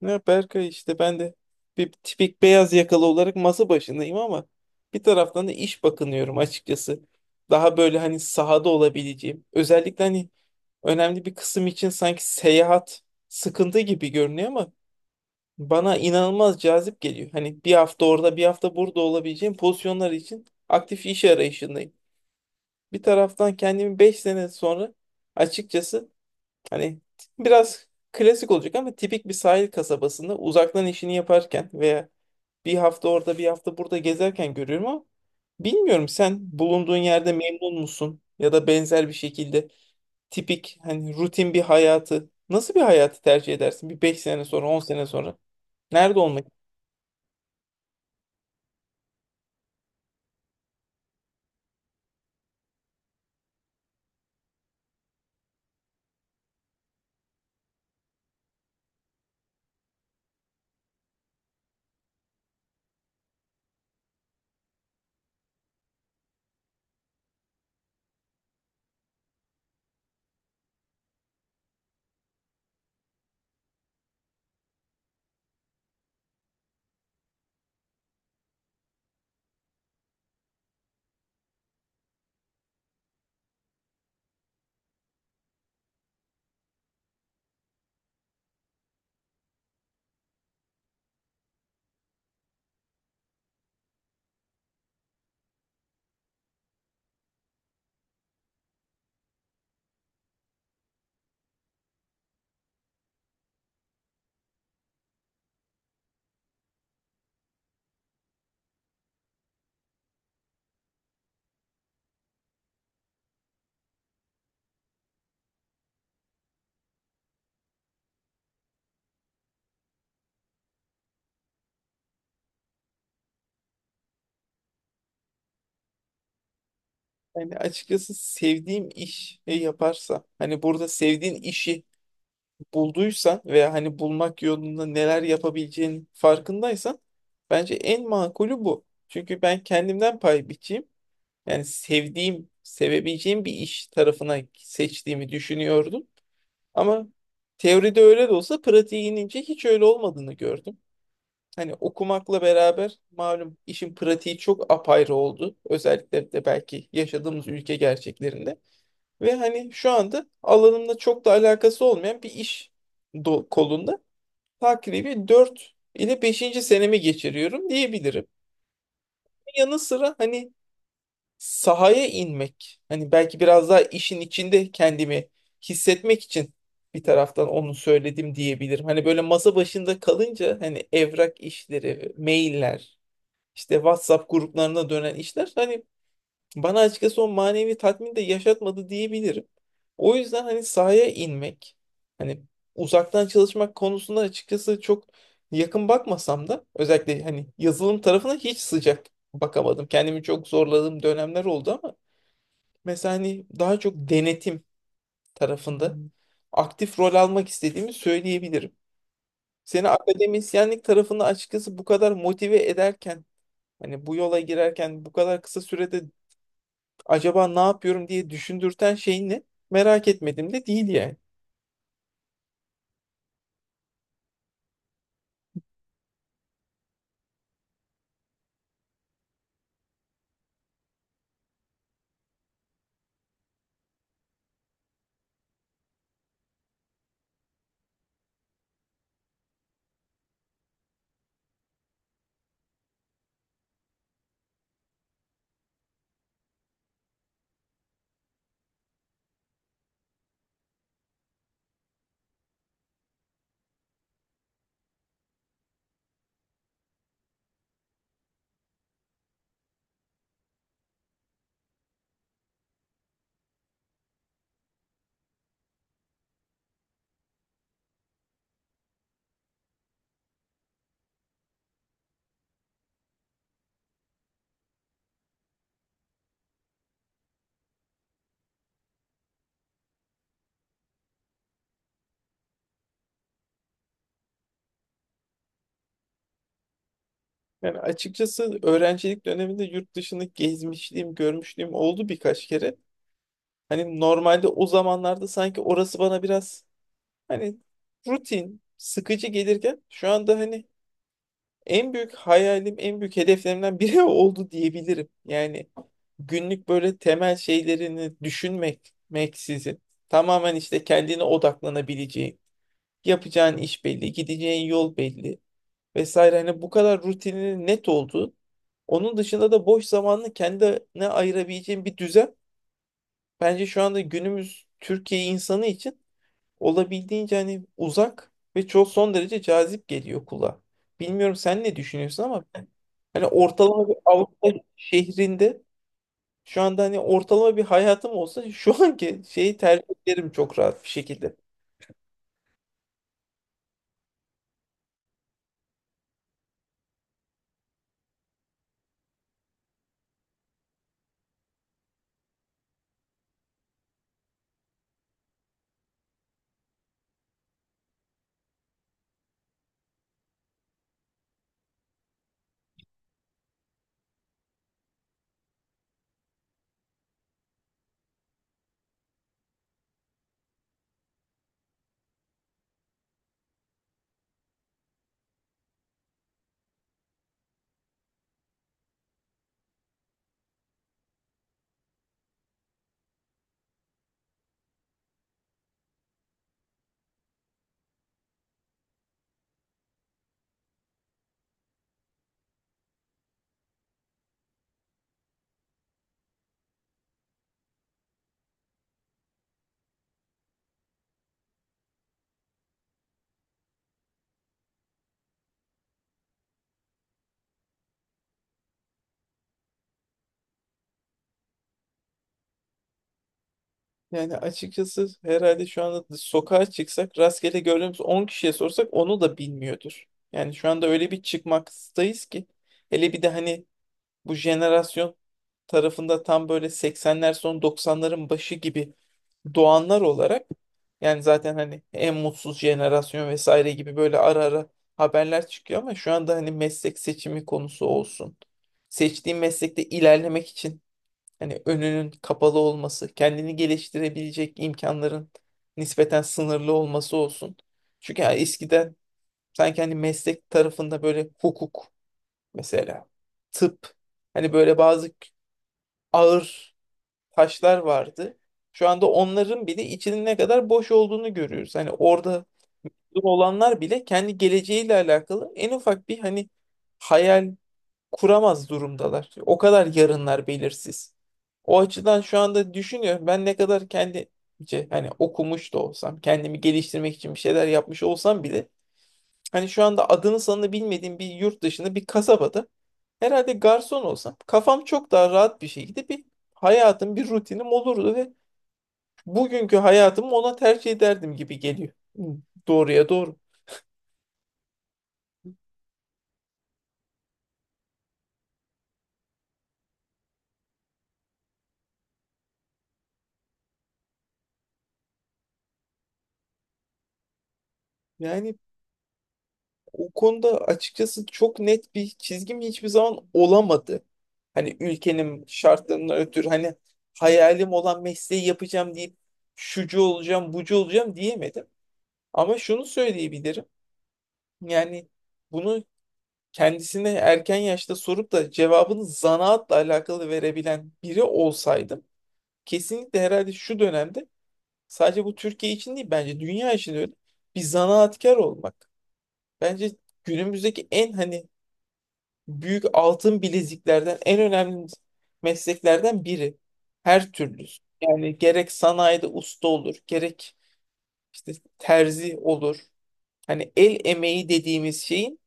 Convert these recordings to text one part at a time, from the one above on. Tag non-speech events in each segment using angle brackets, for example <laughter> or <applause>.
Ne Berkay işte ben de bir tipik beyaz yakalı olarak masa başındayım ama bir taraftan da iş bakınıyorum açıkçası. Daha böyle hani sahada olabileceğim. Özellikle hani önemli bir kısım için sanki seyahat sıkıntı gibi görünüyor ama bana inanılmaz cazip geliyor. Hani bir hafta orada bir hafta burada olabileceğim pozisyonlar için aktif iş arayışındayım. Bir taraftan kendimi 5 sene sonra açıkçası hani biraz klasik olacak ama tipik bir sahil kasabasında uzaktan işini yaparken veya bir hafta orada bir hafta burada gezerken görüyorum, ama bilmiyorum, sen bulunduğun yerde memnun musun ya da benzer bir şekilde tipik hani rutin bir hayatı, nasıl bir hayatı tercih edersin bir 5 sene sonra, 10 sene sonra nerede olmak? Yani açıkçası sevdiğim iş yaparsa hani burada sevdiğin işi bulduysan veya hani bulmak yolunda neler yapabileceğinin farkındaysan bence en makulü bu. Çünkü ben kendimden pay biçeyim. Yani sevdiğim, sevebileceğim bir iş tarafına seçtiğimi düşünüyordum. Ama teoride öyle de olsa pratiğe inince hiç öyle olmadığını gördüm. Hani okumakla beraber malum işin pratiği çok apayrı oldu. Özellikle de belki yaşadığımız ülke gerçeklerinde. Ve hani şu anda alanımla çok da alakası olmayan bir iş kolunda takribi 4 ile beşinci senemi geçiriyorum diyebilirim. Yanı sıra hani sahaya inmek, hani belki biraz daha işin içinde kendimi hissetmek için bir taraftan onu söyledim diyebilirim. Hani böyle masa başında kalınca hani evrak işleri, mailler, işte WhatsApp gruplarına dönen işler hani bana açıkçası o manevi tatmin de yaşatmadı diyebilirim. O yüzden hani sahaya inmek, hani uzaktan çalışmak konusunda açıkçası çok yakın bakmasam da özellikle hani yazılım tarafına hiç sıcak bakamadım. Kendimi çok zorladığım dönemler oldu ama mesela hani daha çok denetim tarafında aktif rol almak istediğimi söyleyebilirim. Seni akademisyenlik tarafında açıkçası bu kadar motive ederken hani bu yola girerken bu kadar kısa sürede acaba ne yapıyorum diye düşündürten şey ne? Merak etmedim de değil yani. Yani açıkçası öğrencilik döneminde yurt dışını gezmişliğim, görmüşlüğüm oldu birkaç kere. Hani normalde o zamanlarda sanki orası bana biraz hani rutin, sıkıcı gelirken şu anda hani en büyük hayalim, en büyük hedeflerimden biri <laughs> oldu diyebilirim. Yani günlük böyle temel şeylerini düşünmek, meksizin tamamen işte kendine odaklanabileceğin, yapacağın iş belli, gideceğin yol belli vesaire. Hani bu kadar rutinin net olduğu, onun dışında da boş zamanını kendine ayırabileceğin bir düzen bence şu anda günümüz Türkiye insanı için olabildiğince hani uzak ve çok son derece cazip geliyor kulağa. Bilmiyorum sen ne düşünüyorsun ama ben hani ortalama bir Avrupa şehrinde şu anda hani ortalama bir hayatım olsa şu anki şeyi tercih ederim çok rahat bir şekilde. Yani açıkçası herhalde şu anda sokağa çıksak rastgele gördüğümüz 10 kişiye sorsak onu da bilmiyordur. Yani şu anda öyle bir çıkmaktayız ki. Hele bir de hani bu jenerasyon tarafında tam böyle 80'ler, son 90'ların başı gibi doğanlar olarak yani zaten hani en mutsuz jenerasyon vesaire gibi böyle ara ara haberler çıkıyor ama şu anda hani meslek seçimi konusu olsun. Seçtiğim meslekte ilerlemek için hani önünün kapalı olması, kendini geliştirebilecek imkanların nispeten sınırlı olması olsun. Çünkü ya eskiden sanki hani meslek tarafında böyle hukuk mesela, tıp, hani böyle bazı ağır taşlar vardı. Şu anda onların bile içinin ne kadar boş olduğunu görüyoruz. Hani orada olanlar bile kendi geleceğiyle alakalı en ufak bir hani hayal kuramaz durumdalar. O kadar yarınlar belirsiz. O açıdan şu anda düşünüyorum, ben ne kadar kendi hani okumuş da olsam, kendimi geliştirmek için bir şeyler yapmış olsam bile hani şu anda adını sanını bilmediğim bir yurt dışında bir kasabada herhalde garson olsam kafam çok daha rahat bir şekilde bir hayatım, bir rutinim olurdu ve bugünkü hayatımı ona tercih ederdim gibi geliyor. Hı, doğruya doğru. Yani o konuda açıkçası çok net bir çizgim hiçbir zaman olamadı. Hani ülkenin şartlarından ötürü hani hayalim olan mesleği yapacağım deyip şucu olacağım, bucu olacağım diyemedim. Ama şunu söyleyebilirim. Yani bunu kendisine erken yaşta sorup da cevabını zanaatla alakalı verebilen biri olsaydım kesinlikle herhalde şu dönemde, sadece bu Türkiye için değil bence dünya için de öyle, bir zanaatkar olmak. Bence günümüzdeki en hani büyük altın bileziklerden, en önemli mesleklerden biri. Her türlüsü. Yani gerek sanayide usta olur, gerek işte terzi olur. Hani el emeği dediğimiz şeyin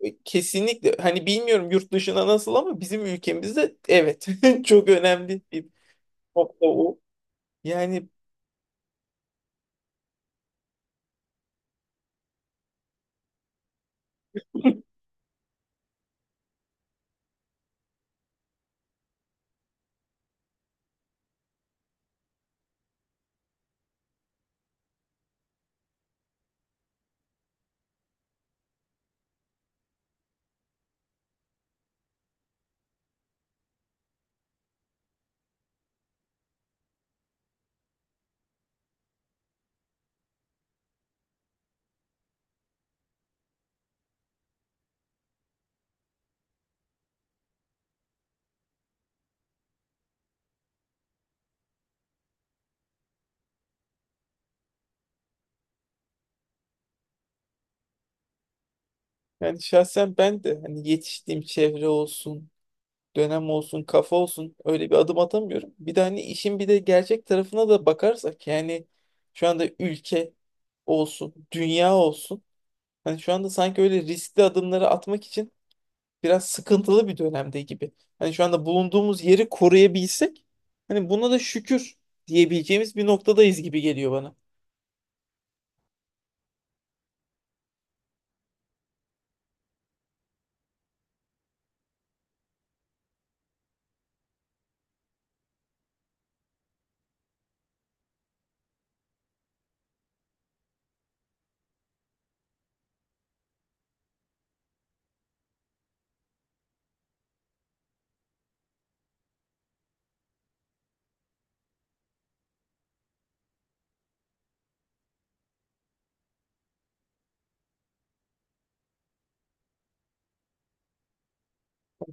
kesinlikle hani bilmiyorum yurt dışına nasıl ama bizim ülkemizde evet <laughs> çok önemli bir nokta o. Yani yani şahsen ben de hani yetiştiğim çevre olsun, dönem olsun, kafa olsun öyle bir adım atamıyorum. Bir de hani işin bir de gerçek tarafına da bakarsak yani şu anda ülke olsun, dünya olsun. Hani şu anda sanki öyle riskli adımları atmak için biraz sıkıntılı bir dönemde gibi. Hani şu anda bulunduğumuz yeri koruyabilsek hani buna da şükür diyebileceğimiz bir noktadayız gibi geliyor bana.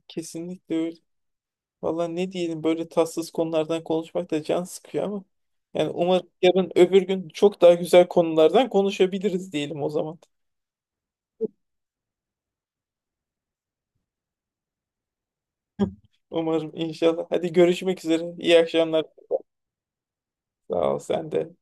Kesinlikle öyle. Valla ne diyelim, böyle tatsız konulardan konuşmak da can sıkıyor ama yani umarım yarın öbür gün çok daha güzel konulardan konuşabiliriz, diyelim o zaman. Umarım, inşallah. Hadi görüşmek üzere. İyi akşamlar. Sağ ol, sen de.